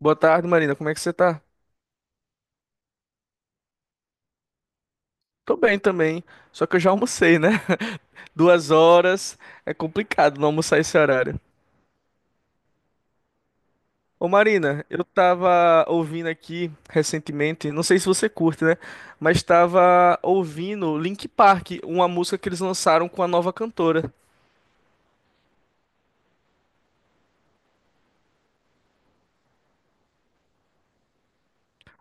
Boa tarde, Marina. Como é que você tá? Tô bem também, só que eu já almocei, né? 2 horas, é complicado não almoçar esse horário. Ô Marina, eu tava ouvindo aqui recentemente, não sei se você curte, né? Mas tava ouvindo Link Park, uma música que eles lançaram com a nova cantora.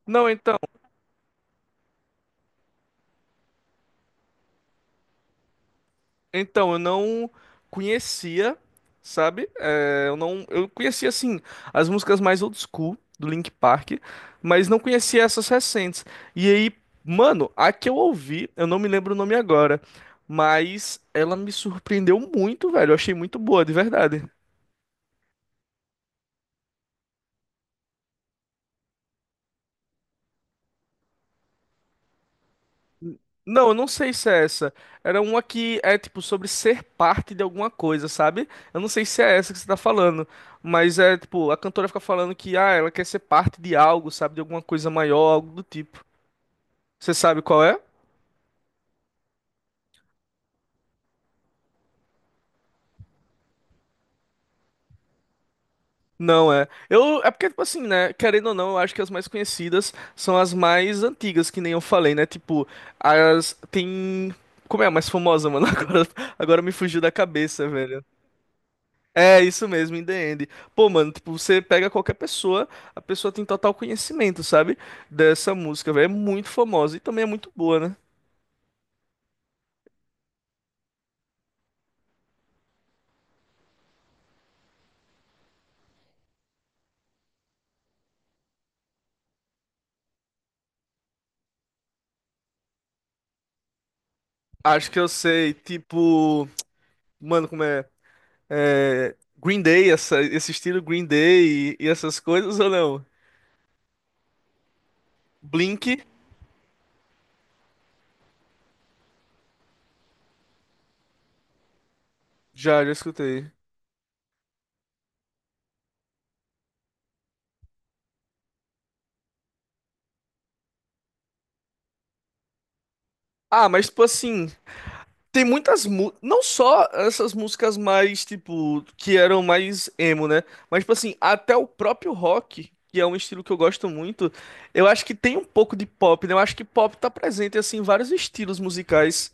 Não, então. Então, eu não conhecia, sabe? É, eu não, eu conhecia assim as músicas mais old school do Linkin Park, mas não conhecia essas recentes. E aí, mano, a que eu ouvi, eu não me lembro o nome agora, mas ela me surpreendeu muito, velho. Eu achei muito boa, de verdade. Não, eu não sei se é essa. Era uma que é tipo sobre ser parte de alguma coisa, sabe? Eu não sei se é essa que você tá falando, mas é tipo, a cantora fica falando que ah, ela quer ser parte de algo, sabe? De alguma coisa maior, algo do tipo. Você sabe qual é? Não é. Eu é porque tipo assim, né, querendo ou não, eu acho que as mais conhecidas são as mais antigas, que nem eu falei, né? Tipo, as tem Como é a mais famosa, mano? Agora me fugiu da cabeça, velho. É, isso mesmo, in the end. Pô, mano, tipo, você pega qualquer pessoa, a pessoa tem total conhecimento, sabe? Dessa música, velho. É muito famosa e também é muito boa, né? Acho que eu sei, tipo, mano, como é? É, Green Day, essa- esse estilo Green Day e essas coisas ou não? Blink, já escutei. Ah, mas tipo assim. Tem muitas mu não só essas músicas mais tipo que eram mais emo, né? Mas tipo assim, até o próprio rock, que é um estilo que eu gosto muito, eu acho que tem um pouco de pop, né? Eu acho que pop tá presente assim em vários estilos musicais.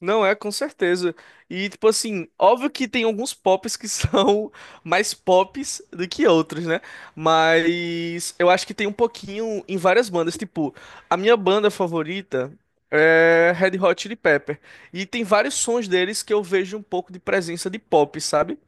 Não é, com certeza. E, tipo assim, óbvio que tem alguns pops que são mais pops do que outros, né? Mas eu acho que tem um pouquinho em várias bandas. Tipo, a minha banda favorita é Red Hot Chili Pepper. E tem vários sons deles que eu vejo um pouco de presença de pop, sabe?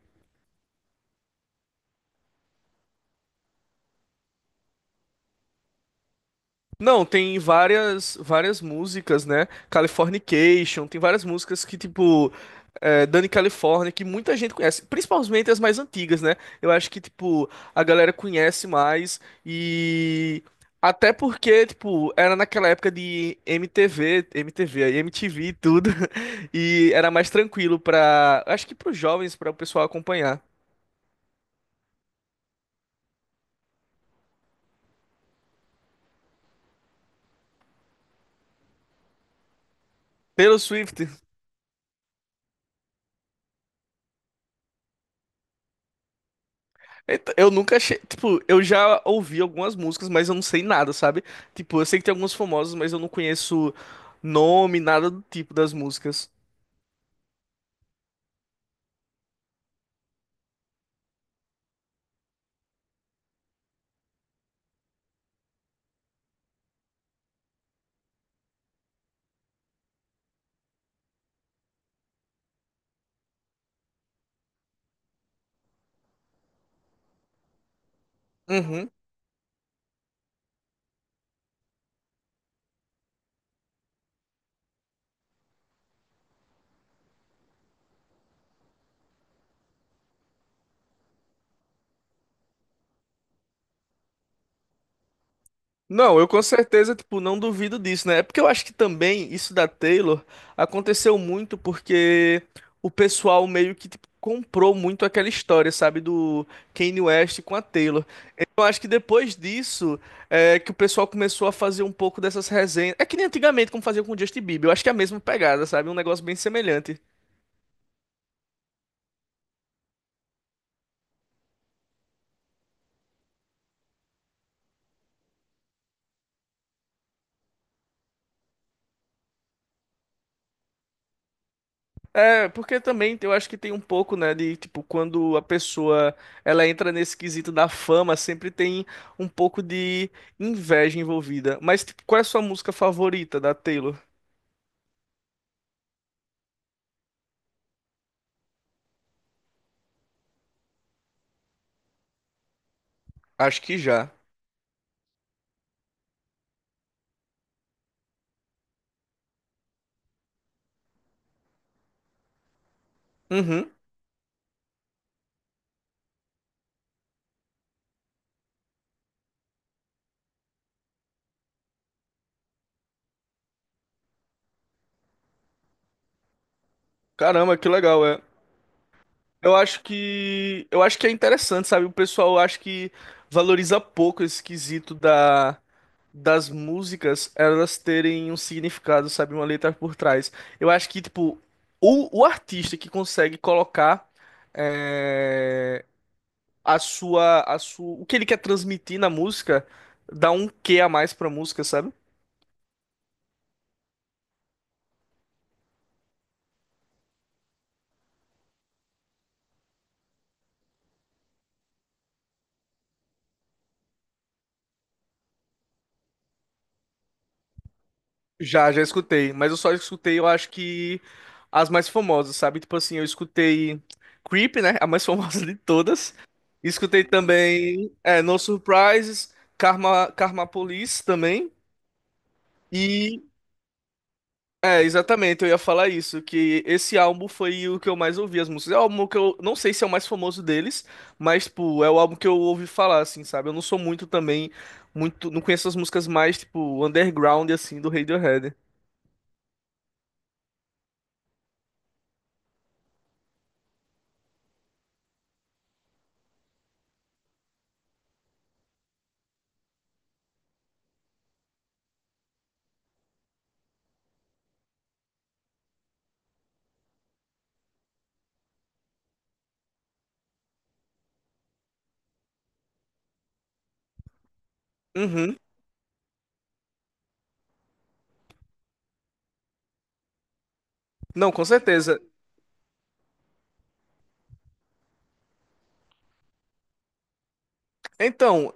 Não, tem várias músicas, né? Californication, tem várias músicas que, tipo, é, Dani California, que muita gente conhece, principalmente as mais antigas, né? Eu acho que, tipo, a galera conhece mais e. Até porque, tipo, era naquela época de MTV, MTV, aí MTV e tudo, e era mais tranquilo pra. Acho que pros jovens, pra o pessoal acompanhar. Taylor Swift. Então, eu nunca achei. Tipo, eu já ouvi algumas músicas, mas eu não sei nada, sabe? Tipo, eu sei que tem alguns famosos, mas eu não conheço nome, nada do tipo das músicas. Uhum. Não, eu com certeza, tipo, não duvido disso, né? É porque eu acho que também isso da Taylor aconteceu muito porque o pessoal meio que tipo, comprou muito aquela história, sabe, do Kanye West com a Taylor. Então, eu acho que depois disso é que o pessoal começou a fazer um pouco dessas resenhas. É que nem antigamente como fazia com o Justin Bieber, eu acho que é a mesma pegada, sabe? Um negócio bem semelhante. É, porque também eu acho que tem um pouco, né, de tipo, quando a pessoa ela entra nesse quesito da fama, sempre tem um pouco de inveja envolvida. Mas, tipo, qual é a sua música favorita da Taylor? Acho que já. Uhum. Caramba, que legal, é. Eu acho que é interessante, sabe? O pessoal acho que valoriza pouco esse quesito da das músicas, elas terem um significado, sabe, uma letra por trás. Eu acho que tipo o artista que consegue colocar é, a sua o que ele quer transmitir na música dá um quê a mais pra música, sabe? Já escutei, mas eu só escutei, eu acho que as mais famosas, sabe? Tipo assim, eu escutei Creep, né? A mais famosa de todas. Escutei também é, No Surprises, Karma, Karma Police também. E é, exatamente, eu ia falar isso, que esse álbum foi o que eu mais ouvi as músicas. É o álbum que eu não sei se é o mais famoso deles, mas tipo, é o álbum que eu ouvi falar assim, sabe? Eu não sou muito também, muito, não conheço as músicas mais tipo underground assim do Radiohead. Uhum. Não, com certeza. Então,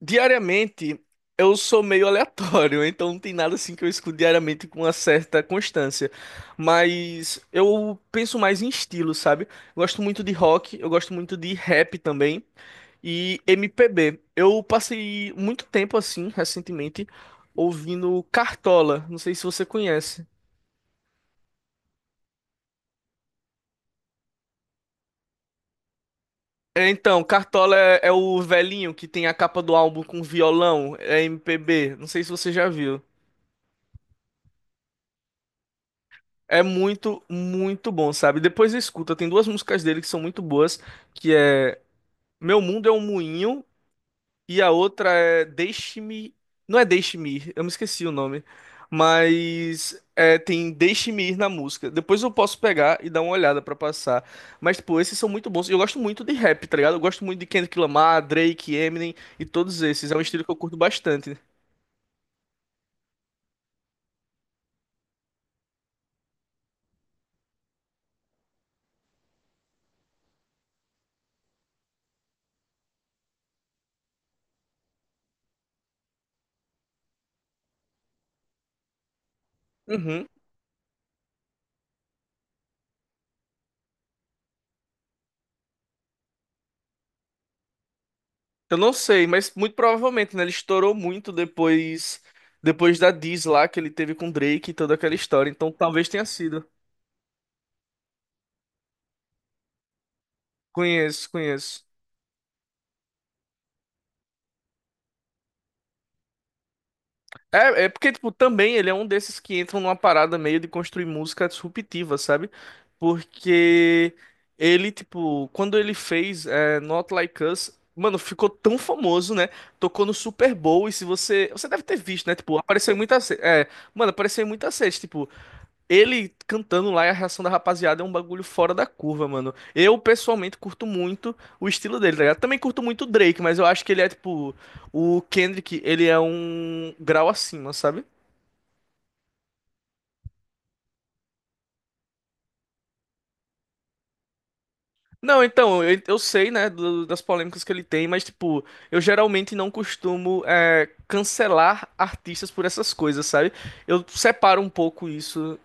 diariamente eu sou meio aleatório, então não tem nada assim que eu escuto diariamente com uma certa constância. Mas eu penso mais em estilo, sabe? Gosto muito de rock, eu gosto muito de rap também e MPB. Eu passei muito tempo assim, recentemente, ouvindo Cartola, não sei se você conhece. É, então, Cartola é, é o velhinho que tem a capa do álbum com violão, é MPB, não sei se você já viu. É muito, muito bom, sabe? Depois escuta, tem duas músicas dele que são muito boas, que é Meu Mundo é um Moinho e a outra é Deixe-me, não é Deixe-me Ir, eu me esqueci o nome, mas é, tem Deixe-me Ir na música. Depois eu posso pegar e dar uma olhada pra passar. Mas pô, esses são muito bons. Eu gosto muito de rap, tá ligado? Eu gosto muito de Kendrick Lamar, Drake, Eminem e todos esses. É um estilo que eu curto bastante. Uhum. Eu não sei, mas muito provavelmente, né? Ele estourou muito depois da Diz lá que ele teve com Drake e toda aquela história. Então talvez tenha sido. Conheço, conheço. É, é porque, tipo, também ele é um desses que entram numa parada meio de construir música disruptiva, sabe? Porque ele, tipo, quando ele fez é, Not Like Us, mano, ficou tão famoso, né? Tocou no Super Bowl e se você. Você deve ter visto, né? Tipo, apareceu em muitas. É, mano, apareceu em muitas séries, tipo. Ele cantando lá e a reação da rapaziada é um bagulho fora da curva, mano. Eu, pessoalmente, curto muito o estilo dele, tá ligado? Também curto muito o Drake, mas eu acho que ele é, tipo, o Kendrick, ele é um grau acima, sabe? Não, então, eu sei, né, do- das polêmicas que ele tem, mas, tipo, eu geralmente não costumo é, cancelar artistas por essas coisas, sabe? Eu separo um pouco isso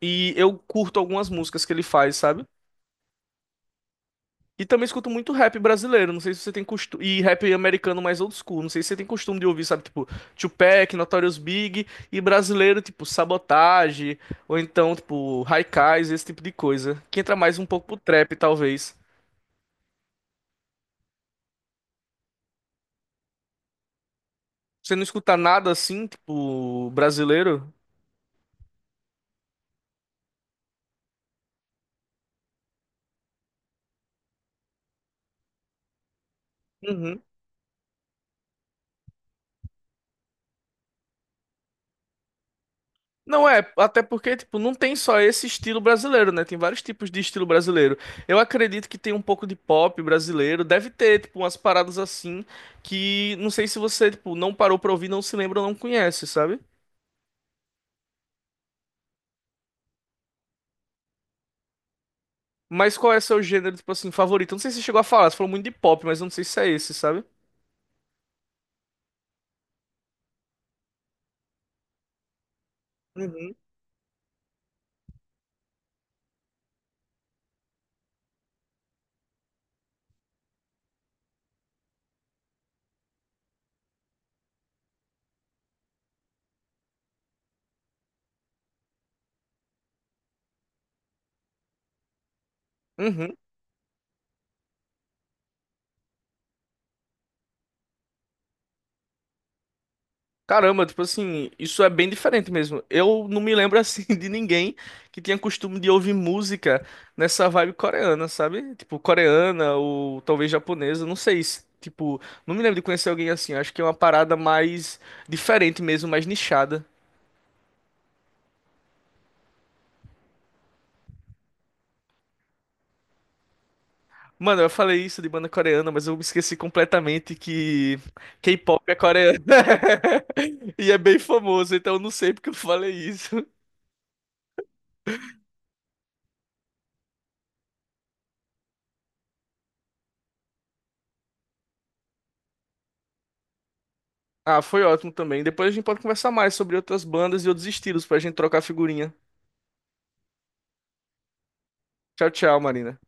e eu curto algumas músicas que ele faz, sabe? E também escuto muito rap brasileiro, não sei se você tem costume. E rap americano mais old school, não sei se você tem costume de ouvir, sabe? Tipo, Tupac, Notorious Big e brasileiro, tipo, Sabotage, ou então, tipo, Haikais, esse tipo de coisa. Que entra mais um pouco pro trap, talvez. Você não escuta nada assim, tipo, brasileiro? Uhum. Não é, até porque, tipo, não tem só esse estilo brasileiro, né? Tem vários tipos de estilo brasileiro. Eu acredito que tem um pouco de pop brasileiro, deve ter, tipo, umas paradas assim que não sei se você, tipo, não parou pra ouvir, não se lembra ou não conhece, sabe? Mas qual é seu gênero, tipo assim, favorito? Eu não sei se você chegou a falar, você falou muito de pop, mas eu não sei se é esse, sabe? Uhum. Uhum. Caramba, tipo assim, isso é bem diferente mesmo. Eu não me lembro assim de ninguém que tinha costume de ouvir música nessa vibe coreana, sabe? Tipo, coreana ou talvez japonesa, não sei. Se- Tipo, não me lembro de conhecer alguém assim. Acho que é uma parada mais diferente mesmo, mais nichada. Mano, eu falei isso de banda coreana, mas eu me esqueci completamente que K-pop é coreano. E é bem famoso, então eu não sei porque eu falei isso. Ah, foi ótimo também. Depois a gente pode conversar mais sobre outras bandas e outros estilos pra gente trocar figurinha. Tchau, tchau, Marina.